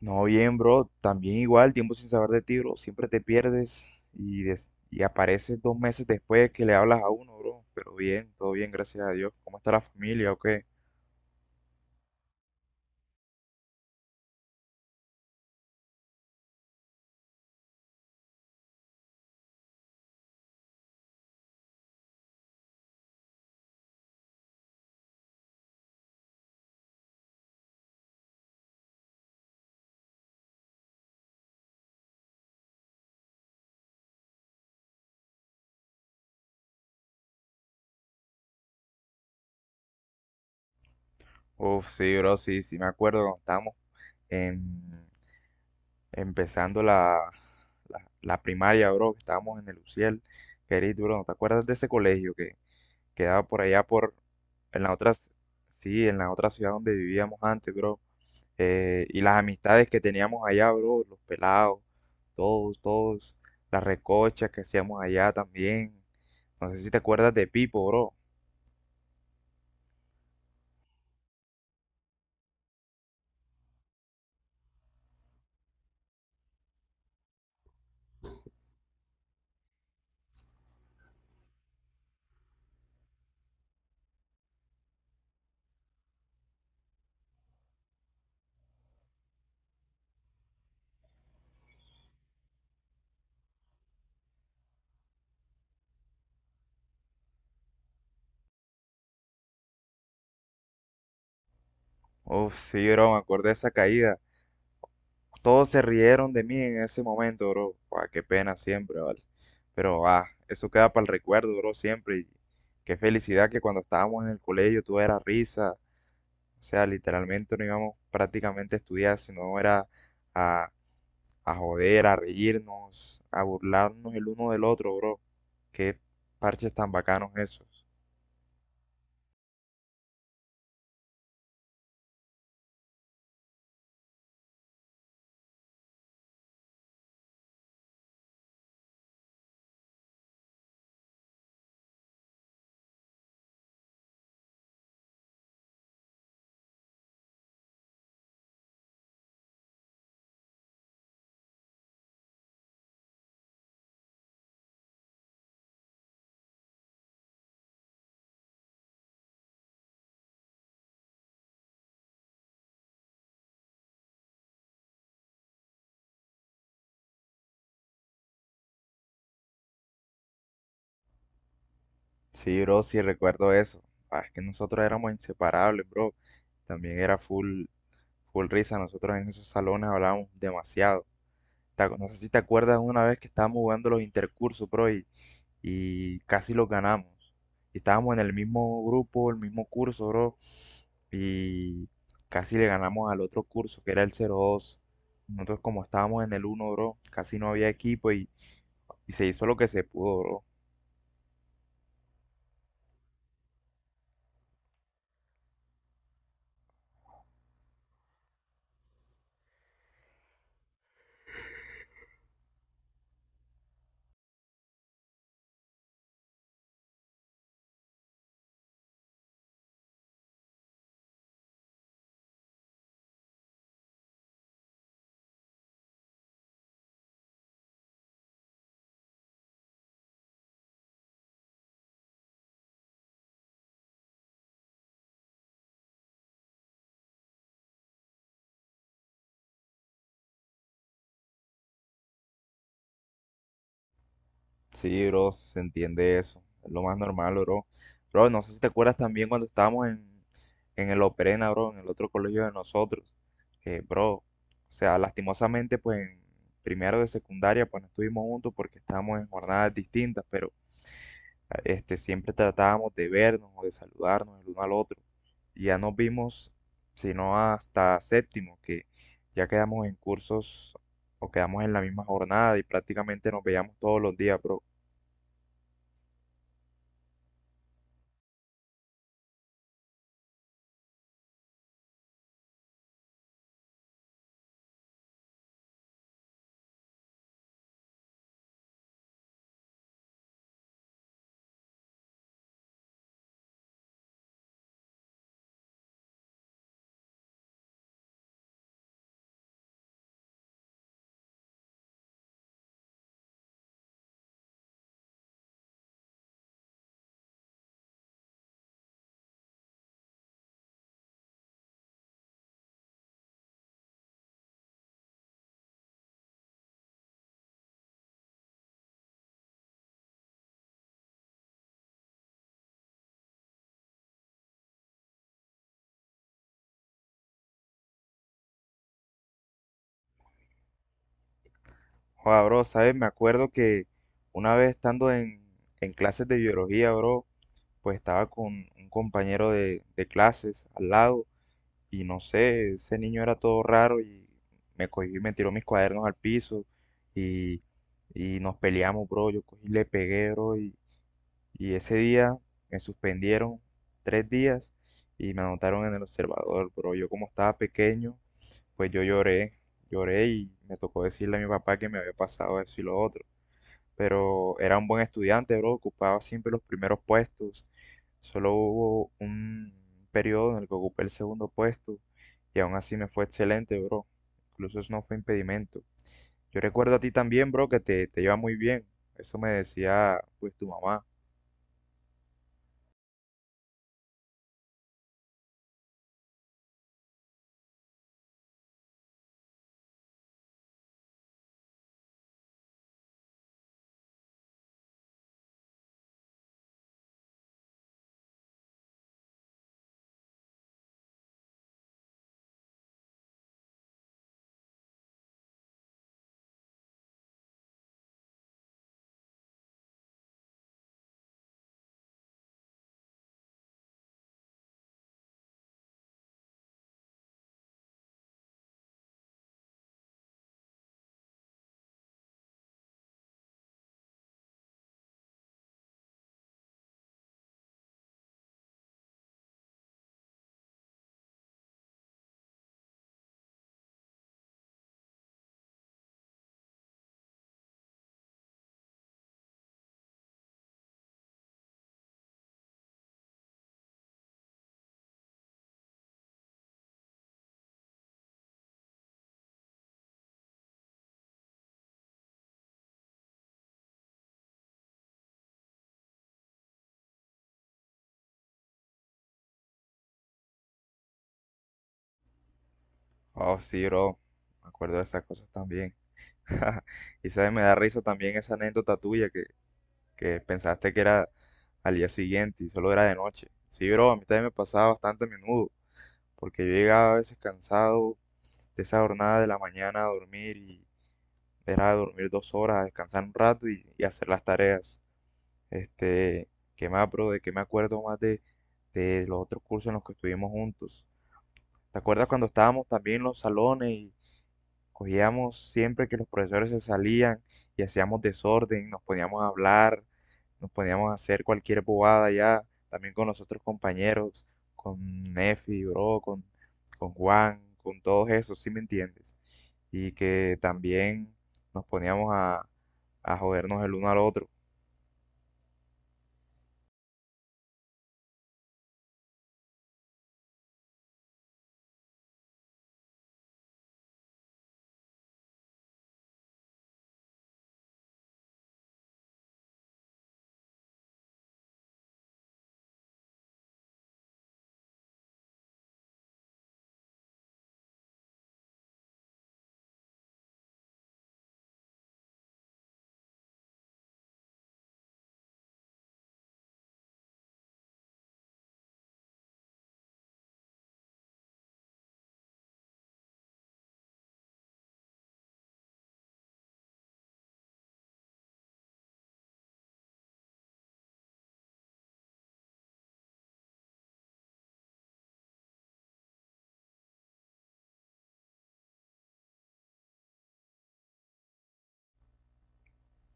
No, bien, bro. También igual, tiempo sin saber de ti, bro. Siempre te pierdes y, y apareces dos meses después que le hablas a uno, bro. Pero bien, todo bien, gracias a Dios. ¿Cómo está la familia o qué? Uf, sí, bro, sí, sí me acuerdo cuando estábamos en- empezando la primaria, bro, que estábamos en el UCIEL. Querido, bro, ¿no te acuerdas de ese colegio que quedaba por allá por, en la otra, sí, en la otra ciudad donde vivíamos antes, bro? Y las amistades que teníamos allá, bro, los pelados, todos, las recochas que hacíamos allá también. No sé si te acuerdas de Pipo, bro. Uf, sí, bro, me acuerdo de esa caída. Todos se rieron de mí en ese momento, bro. Buah, qué pena siempre, ¿vale? Pero, ah, eso queda para el recuerdo, bro, siempre. Y qué felicidad que cuando estábamos en el colegio todo era risa. O sea, literalmente no íbamos prácticamente a estudiar, sino era a joder, a reírnos, a burlarnos el uno del otro, bro. Qué parches tan bacanos esos. Sí, bro, sí recuerdo eso. Ah, es que nosotros éramos inseparables, bro. También era full, full risa. Nosotros en esos salones hablábamos demasiado. No sé si te acuerdas una vez que estábamos jugando los intercursos, bro, y casi los ganamos. Y estábamos en el mismo grupo, el mismo curso, bro, y casi le ganamos al otro curso, que era el 02. Nosotros como estábamos en el 1, bro, casi no había equipo y se hizo lo que se pudo, bro. Sí, bro, se entiende eso. Es lo más normal, bro. Bro, no sé si te acuerdas también cuando estábamos en el Operena, bro, en el otro colegio de nosotros. Que, bro, o sea, lastimosamente, pues en primero de secundaria, pues no estuvimos juntos porque estábamos en jornadas distintas, pero este, siempre tratábamos de vernos o de saludarnos el uno al otro. Y ya nos vimos, sino hasta séptimo, que ya quedamos en cursos o quedamos en la misma jornada y prácticamente nos veíamos todos los días, bro. Joder, bro, ¿sabes? Me acuerdo que una vez estando en clases de biología, bro, pues estaba con un compañero de clases al lado. Y no sé, ese niño era todo raro y me cogió y me tiró mis cuadernos al piso y, y nos peleamos, bro. Yo cogí y le pegué, bro. Y ese día me suspendieron 3 días y me anotaron en el observador, bro. Yo como estaba pequeño, pues yo lloré, lloré y me tocó decirle a mi papá que me había pasado eso y lo otro, pero era un buen estudiante, bro, ocupaba siempre los primeros puestos. Solo hubo un periodo en el que ocupé el segundo puesto y aún así me fue excelente, bro. Incluso eso no fue impedimento. Yo recuerdo a ti también, bro, que te iba muy bien. Eso me decía, pues, tu mamá. Oh, sí, bro, me acuerdo de esas cosas también. Y sabes, me da risa también esa anécdota tuya que pensaste que era al día siguiente y solo era de noche. Sí, bro, a mí también me pasaba bastante a menudo, porque yo llegaba a veces cansado de esa jornada de la mañana a dormir y era dormir 2 horas, a descansar un rato y hacer las tareas. Este, ¿qué más, bro? ¿De qué me acuerdo más de los otros cursos en los que estuvimos juntos? ¿Te acuerdas cuando estábamos también en los salones y cogíamos siempre que los profesores se salían y hacíamos desorden, nos poníamos a hablar, nos poníamos a hacer cualquier bobada ya, también con los otros compañeros, con Nefi, bro, con Juan, con todos esos, ¿sí me entiendes? Y que también nos poníamos a jodernos el uno al otro.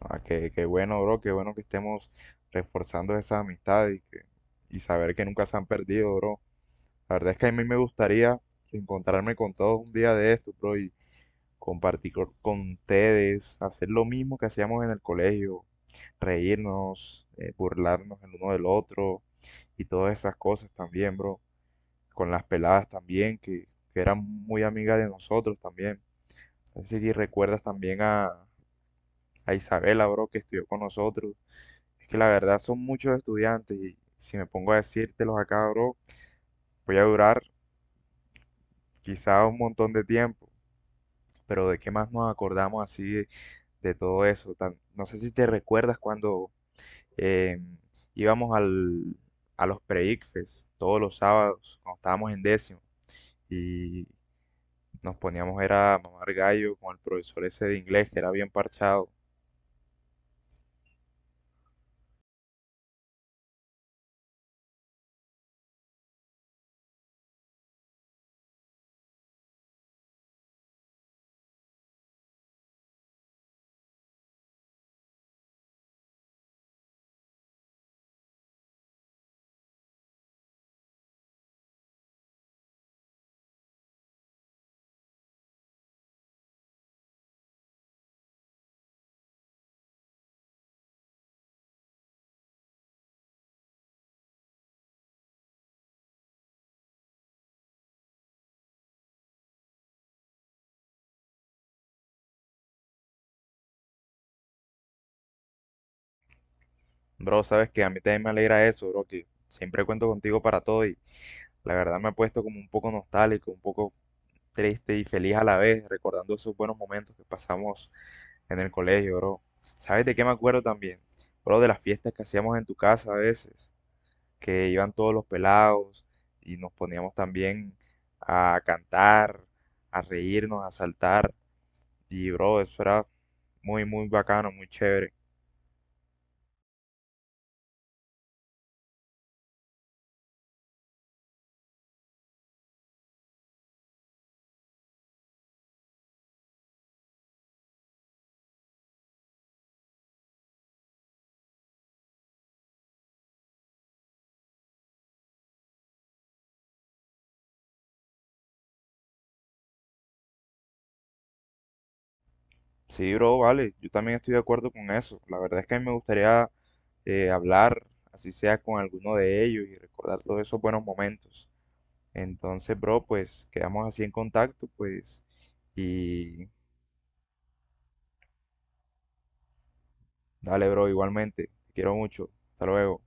Ah, que bueno, bro, qué bueno que estemos reforzando esas amistades y, que, y saber que nunca se han perdido, bro. La verdad es que a mí me gustaría encontrarme con todos un día de esto, bro, y compartir con ustedes, hacer lo mismo que hacíamos en el colegio, reírnos, burlarnos el uno del otro y todas esas cosas también, bro. Con las peladas también, que eran muy amigas de nosotros también. No sé si recuerdas también a Isabela, bro, que estudió con nosotros. Es que la verdad son muchos estudiantes y si me pongo a decírtelos acá, bro, voy a durar quizá un montón de tiempo. Pero ¿de qué más nos acordamos así de todo eso? No sé si te recuerdas cuando eh, íbamos al, a los pre-ICFES todos los sábados, cuando estábamos en décimo, y nos poníamos era a mamar gallo con el profesor ese de inglés que era bien parchado. Bro, sabes que a mí también me alegra eso, bro, que siempre cuento contigo para todo y la verdad me ha puesto como un poco nostálgico, un poco triste y feliz a la vez, recordando esos buenos momentos que pasamos en el colegio, bro. ¿Sabes de qué me acuerdo también? Bro, de las fiestas que hacíamos en tu casa a veces, que iban todos los pelados y nos poníamos también a cantar, a reírnos, a saltar. Y, bro, eso era muy, muy bacano, muy chévere. Sí, bro, vale, yo también estoy de acuerdo con eso. La verdad es que a mí me gustaría hablar, así sea con alguno de ellos y recordar todos esos buenos momentos. Entonces, bro, pues quedamos así en contacto, pues, y dale, bro, igualmente. Te quiero mucho. Hasta luego.